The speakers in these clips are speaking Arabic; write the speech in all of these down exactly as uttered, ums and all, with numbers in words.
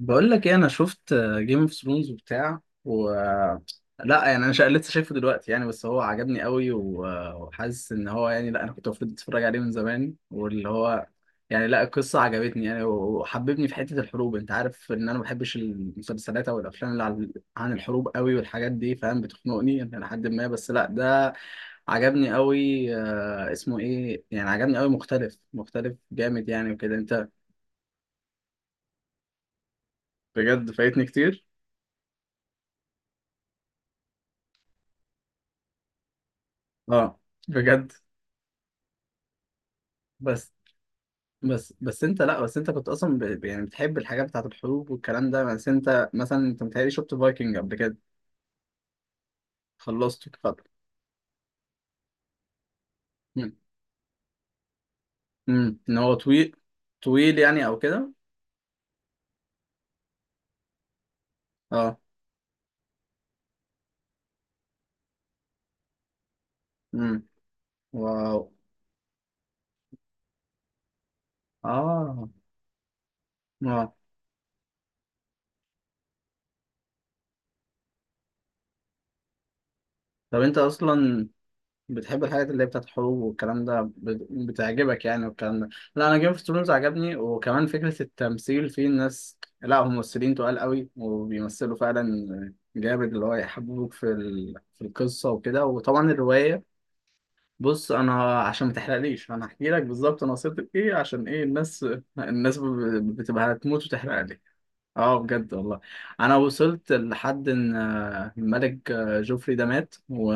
بقول لك ايه؟ انا شفت جيم اوف ثرونز وبتاع، و لا يعني انا شا... لسه شايفه دلوقتي، يعني بس هو عجبني قوي، و- وحاسس ان هو، يعني لا، انا كنت المفروض اتفرج عليه من زمان، واللي هو يعني لا، القصه عجبتني يعني، و- وحببني في حته الحروب. انت عارف ان انا ما بحبش المسلسلات او الافلام اللي عن عن الحروب قوي والحاجات دي، فاهم؟ بتخنقني يعني لحد، ما بس لا، ده عجبني قوي. آه، اسمه ايه يعني، عجبني قوي، مختلف مختلف جامد يعني وكده. انت بجد فايتني كتير. اه بجد. بس بس بس انت، لا بس انت كنت اصلا ب... ب- يعني بتحب الحاجات بتاعت الحروب والكلام ده. بس انت مثلا، انت متهيألي شفت فايكنج قبل كده، خلصته. اتفضل. مم. مم. ان هو طويل، طويل يعني او كده. اه. مم. واو. اه. اه. طب انت اصلا بتحب الحاجات اللي هي بتاعت الحروب والكلام ده، بت- بتعجبك يعني، والكلام ده. لا، انا جيم اوف ثرونز عجبني، وكمان فكرة التمثيل فيه. الناس لا، هم ممثلين تقال قوي، وبيمثلوا فعلا جامد، اللي هو يحببوك في ال... في القصة وكده، وطبعا الرواية. بص، انا عشان ما تحرقليش، انا هحكي لك بالظبط انا وصلت لايه، عشان ايه الناس، الناس ب... بتبقى هتموت وتحرق لي. اه بجد والله. انا وصلت لحد ان آه، الملك آه، جوفري ده مات و...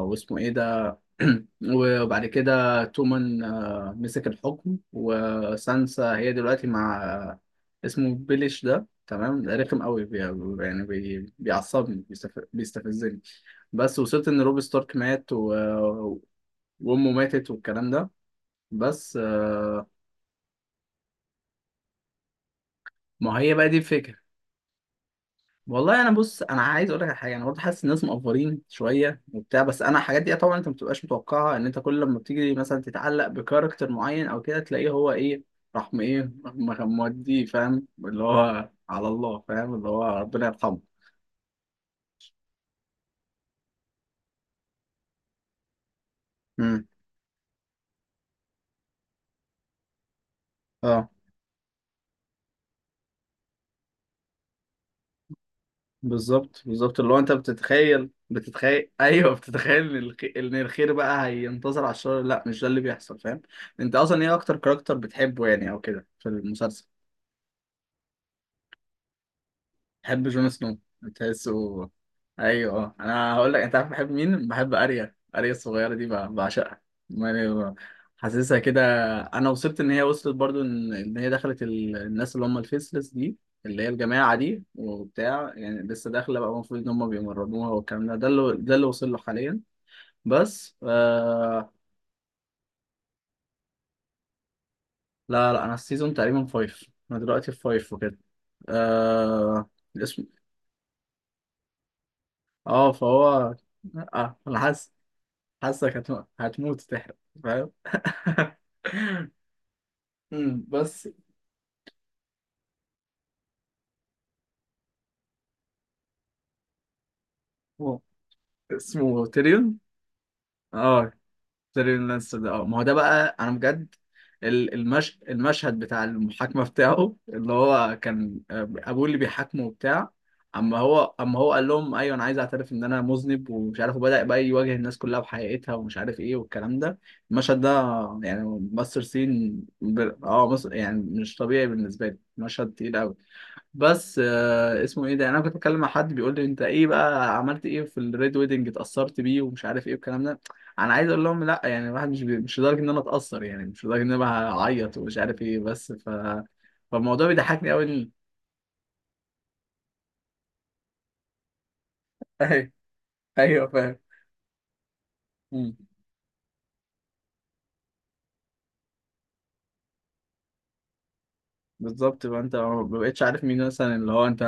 واسمه ايه ده؟ وبعد كده تومان آه، مسك الحكم، وسانسا هي دلوقتي مع، آه، اسمه بيليش ده. تمام، رخم قوي، بي- يعني بي- بيعصبني، بيستف- بيستفزني. بس وصلت ان روب ستارك مات و... وامه ماتت، والكلام ده. بس آه، ما هي بقى دي الفكرة. والله انا، بص، انا عايز اقول لك على حاجه. انا برضه حاسس الناس مقفرين شويه وبتاع، بس انا الحاجات دي طبعا انت ما بتبقاش متوقعها، ان انت كل لما بتيجي مثلا تتعلق بكاركتر معين او كده، تلاقيه هو ايه، راح م- ايه راح، م- مودي فاهم اللي هو، على الله، فاهم اللي هو، ربنا يرحمه. امم. اه بالظبط، بالظبط، اللي هو انت بتتخيل، بتتخيل ايوه بتتخيل ان الخ- ان الخير بقى هينتصر على الشر، لا مش ده اللي بيحصل، فاهم؟ انت اصلا ايه اكتر كاركتر بتحبه يعني، او كده في المسلسل؟ بحب جون سنو، بتحسه. ايوه اه. انا هقول لك، انت عارف بحب مين؟ بحب اريا، اريا الصغيره دي، ب- بعشقها يعني، حاسسها كده. انا وصلت ان هي، وصلت برضو ان، إن هي دخلت ال- الناس اللي هم الفيسلس دي، اللي هي الجماعه دي وبتاع، يعني لسه داخله بقى، المفروض ان هم بيمرنوها والكلام ده. ده اللي، ده اللي وصل له حاليا. بس آه. لا لا، انا السيزون تقريبا فايف. انا دلوقتي في فايف وكده. آه. الاسم. اه فهو. اه انا حاسس، حاسك هتموت، هتموت تحرق. فاهم. أمم، بس. هو اسمه تيريون. اه، تيريون لانستر ده. اه ما هو ده بقى، انا بجد ال- المش... المشهد بتاع المحاكمة بتاعه، اللي هو كان آه، ابوه اللي بيحاكمه وبتاع. اما هو، اما هو قال لهم ايوه انا عايز اعترف ان انا مذنب، ومش عارف، وبدأ بقى يواجه الناس كلها بحقيقتها، ومش عارف ايه والكلام ده. المشهد ده يعني ماستر سين ب... اه، مصر يعني، مش طبيعي بالنسبة لي، مشهد تقيل قوي. بس آه، اسمه ايه ده، يعني انا كنت بتكلم مع حد بيقول لي انت ايه بقى، عملت ايه في الريد ويدنج، اتأثرت بيه ومش عارف ايه والكلام ده. انا عايز اقول لهم لا يعني، الواحد مش بي... مش لدرجه ان انا اتأثر، يعني مش لدرجه ان انا هعيط ومش عارف ايه. بس ف فالموضوع بيضحكني قوي، إن- ايوه، ايوه فاهم. مم. بالظبط بقى، انت ما بقتش عارف مين مثلا اللي هو انت،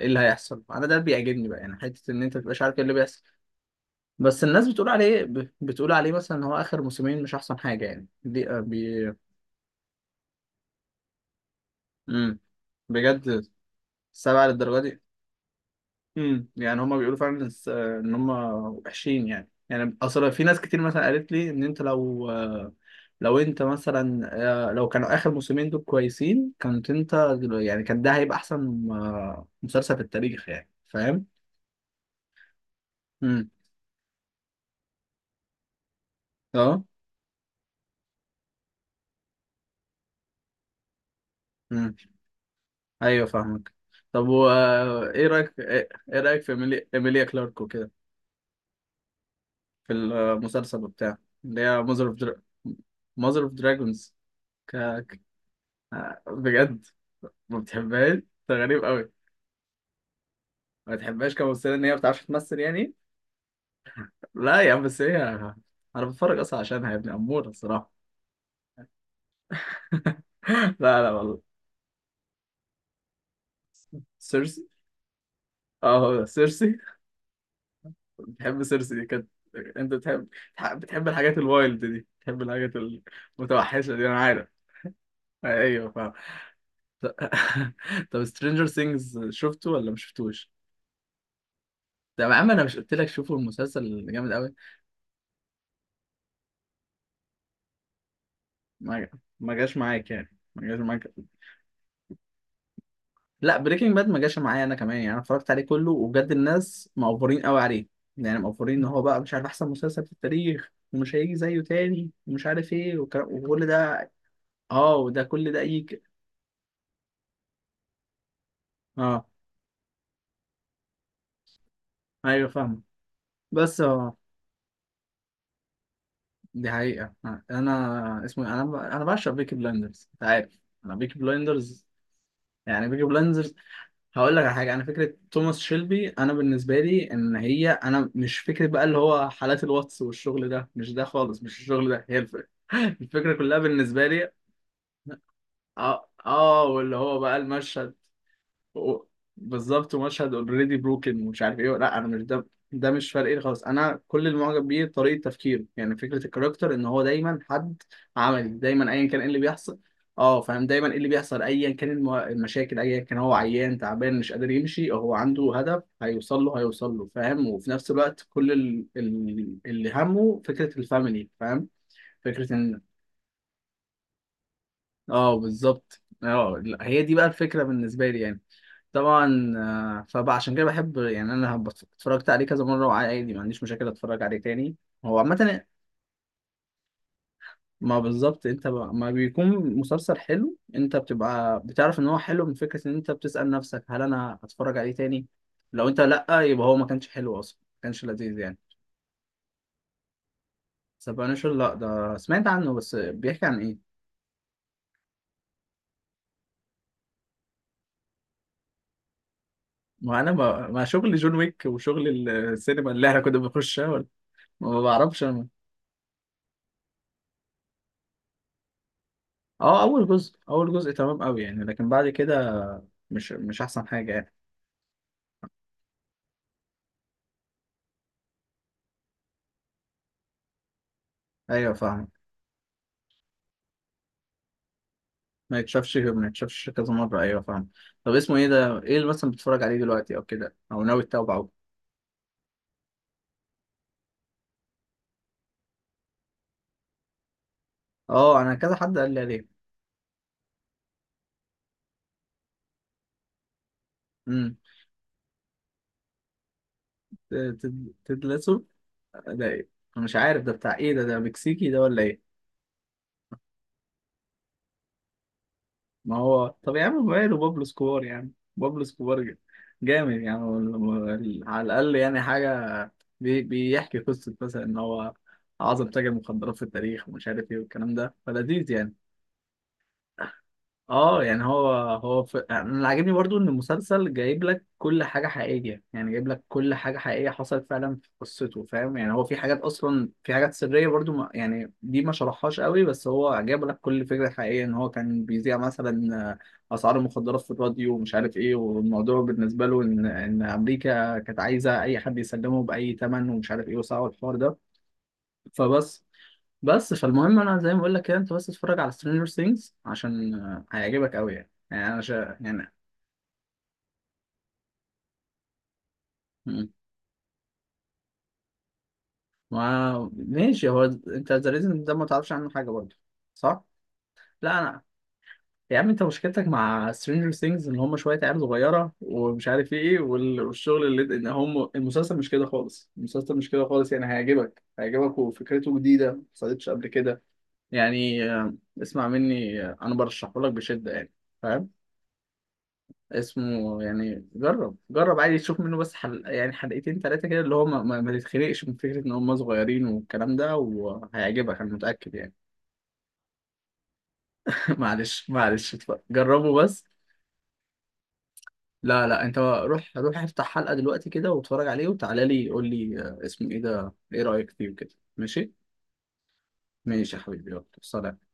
ايه اللي هيحصل. انا ده بيعجبني بقى يعني، حته ان انت متبقاش عارف ايه اللي بيحصل. بس الناس بتقول عليه، ب... بتقول عليه مثلا، ان هو اخر موسمين مش احسن حاجه يعني، دي آه، بي... مم. بجد؟ سبعة للدرجة دي؟ امم، يعني هما بيقولوا فعلا، إنس- ان هما وحشين يعني. يعني اصل في ناس كتير مثلا قالت لي ان انت لو، لو انت مثلا آه، لو كانوا اخر موسمين دول كويسين، كنت انت دل- يعني كان ده هيبقى احسن آه، مسلسل في التاريخ يعني، فاهم. امم. اه. امم. ايوه فاهمك. طب و آه، ايه رايك ايه إيه رايك في إيميلي- ايميليا كلارك وكده، في المسلسل وبتاع، اللي هي ماذر اوف، ماذر اوف دراجونز. ك... ك- آه، بجد؟ ما بتحبهاش؟ ده غريب قوي. ما بتحبهاش كممثله، ان هي ما بتعرفش تمثل يعني. لا يا عم، بس هي، انا بتفرج اصلا عشانها يا ابني، اموره الصراحه. لا لا والله. سيرسي. اه هو ده سيرسي. بتحب سيرسي دي كانت. انت بتحب، بتحب الحاجات الوايلد دي، بتحب الحاجات المتوحشه دي، انا عارف. ايوه فاهم. طب سترينجر ثينجز شفته ولا ما شفتوش؟ طب يا عم، انا مش قلت لك شوفوا المسلسل؟ جامد قوي. ما ما جاش معاك يعني، ما جاش معاك. لا بريكنج باد ما جاش معايا انا كمان يعني، انا اتفرجت عليه كله، وبجد الناس مقفورين قوي عليه يعني، مقفورين ان هو بقى مش عارف احسن مسلسل في التاريخ، ومش هيجي زيه تاني، ومش عارف ايه والكلام، وكل ده. اه وده كل ده يجي. اه ايوه فاهم. بس اه، دي حقيقة. آه، انا اسمه إيه؟ انا ب- انا بعشق بيكي بلايندرز، انت عارف. انا بيكي بلايندرز يعني، بيكي بلايندرز. هقول لك على حاجه. انا فكره توماس شيلبي، انا بالنسبه لي، ان هي انا مش فكره بقى اللي هو حالات الواتس والشغل ده، مش ده خالص، مش الشغل ده هي الفكره. الفكره كلها بالنسبه لي، اه اه، واللي هو بقى المشهد. و- بالظبط، ومشهد اوريدي بروكن، ومش عارف ايه، لا انا مش ده، ده مش فارق لي خالص. انا كل اللي معجب بيه طريقه تفكيره يعني، فكره الكاركتر ان هو دايما حد عملي، دايما ايا كان ايه اللي بيحصل. اه فاهم. دايما ايه اللي بيحصل، ايا كان الم- المشاكل، ايا كان هو عيان تعبان مش قادر يمشي، هو عنده هدف هيوصل له، هيوصل له، فاهم. وفي نفس الوقت، كل ال- ال- اللي همه فكره الفاميلي، فاهم. فكره ان، اه بالظبط. اه لا، هي دي بقى الفكره بالنسبه لي يعني. طبعا. آه، فعشان كده بحب يعني، انا هبط- اتفرجت عليه كذا مره، وعادي ما عنديش مشاكل اتفرج عليه تاني، هو عامه. ما بالظبط. انت ب... ما بيكون مسلسل حلو، انت بتبقى بتعرف ان هو حلو من فكره ان انت بتسال نفسك، هل انا هتفرج عليه تاني؟ لو انت لا، يبقى هو ما كانش حلو اصلا، ما كانش لذيذ يعني. سبانشر؟ لا ده سمعت عنه، بس بيحكي عن ايه؟ ما انا، ما ما شغل جون ويك وشغل السينما اللي احنا كنا بنخشها. ما بعرفش. اه، اول جزء، اول جزء تمام قوي يعني، لكن بعد كده مش، مش احسن حاجه يعني. ايوه فاهم. ما يتشافش، ما يتشافش كذا مره، ايوه فاهم. طب اسمه ايه ده؟ ايه اللي مثلا بتتفرج عليه دلوقتي او كده، او ناوي تتابعه؟ اه انا كذا حد قال لي عليه. امم. تدلسه؟ ده ايه؟ أنا مش عارف ده بتاع ايه، ده ده مكسيكي ده ولا ايه؟ ما هو طب يا عم، ماله بابلو سكوار، يعني بابلو سكوار جا- جامد يعني، وال- وال- على الأقل يعني حاجة، بي- بيحكي قصة مثلا إن هو أعظم تاجر مخدرات في التاريخ، ومش عارف إيه والكلام ده، فلذيذ يعني. اه يعني، هو هو ف... انا اللي عاجبني برضو ان المسلسل جايب لك كل حاجه حقيقيه يعني، جايب لك كل حاجه حقيقيه حصلت فعلا في قصته، فاهم يعني. هو في حاجات اصلا، في حاجات سريه برضو ما... يعني دي ما شرحهاش قوي، بس هو جايب لك كل فكره حقيقيه، ان هو كان بيذيع مثلا اسعار المخدرات في الراديو ومش عارف ايه، والموضوع بالنسبه له ان، ان امريكا كانت عايزه اي حد يسلمه باي ثمن، ومش عارف ايه، وصعب الحوار ده. فبس بس فالمهم، انا زي ما بقول لك كده، انت بس اتفرج على سترينجر ثينجز، عشان آه، هيعجبك قوي يعني، يعني انا شا... يعني. مم. ما ماشي. هو انت ذا ريزن ده ما تعرفش عنه حاجه برضه، صح؟ لا انا، يا عم انت مشكلتك مع سترينجر ثينجز ان هم شويه عيال صغيره ومش عارف ايه، وال- والشغل اللي ان هم، المسلسل مش كده خالص، المسلسل مش كده خالص يعني، هيعجبك، هيعجبك، وفكرته جديده ما حصلتش قبل كده يعني. آه، اسمع مني، آه، انا برشحه لك بشده يعني. فاهم؟ اسمه يعني، جرب، جرب عادي تشوف منه، بس حل... يعني حلقتين ثلاثة كده، اللي هو ما, ما, ما تتخنقش من فكرة إن هم صغيرين والكلام ده، وهيعجبك أنا متأكد يعني. معلش معلش، اتفرج. جربه بس. لا لا، أنت روح، روح افتح حلقة دلوقتي كده واتفرج عليه، وتعالى لي قول لي آه، اسمه إيه ده، إيه رأيك فيه وكده، ماشي؟ ماشي يا حبيبي، يلا سلام.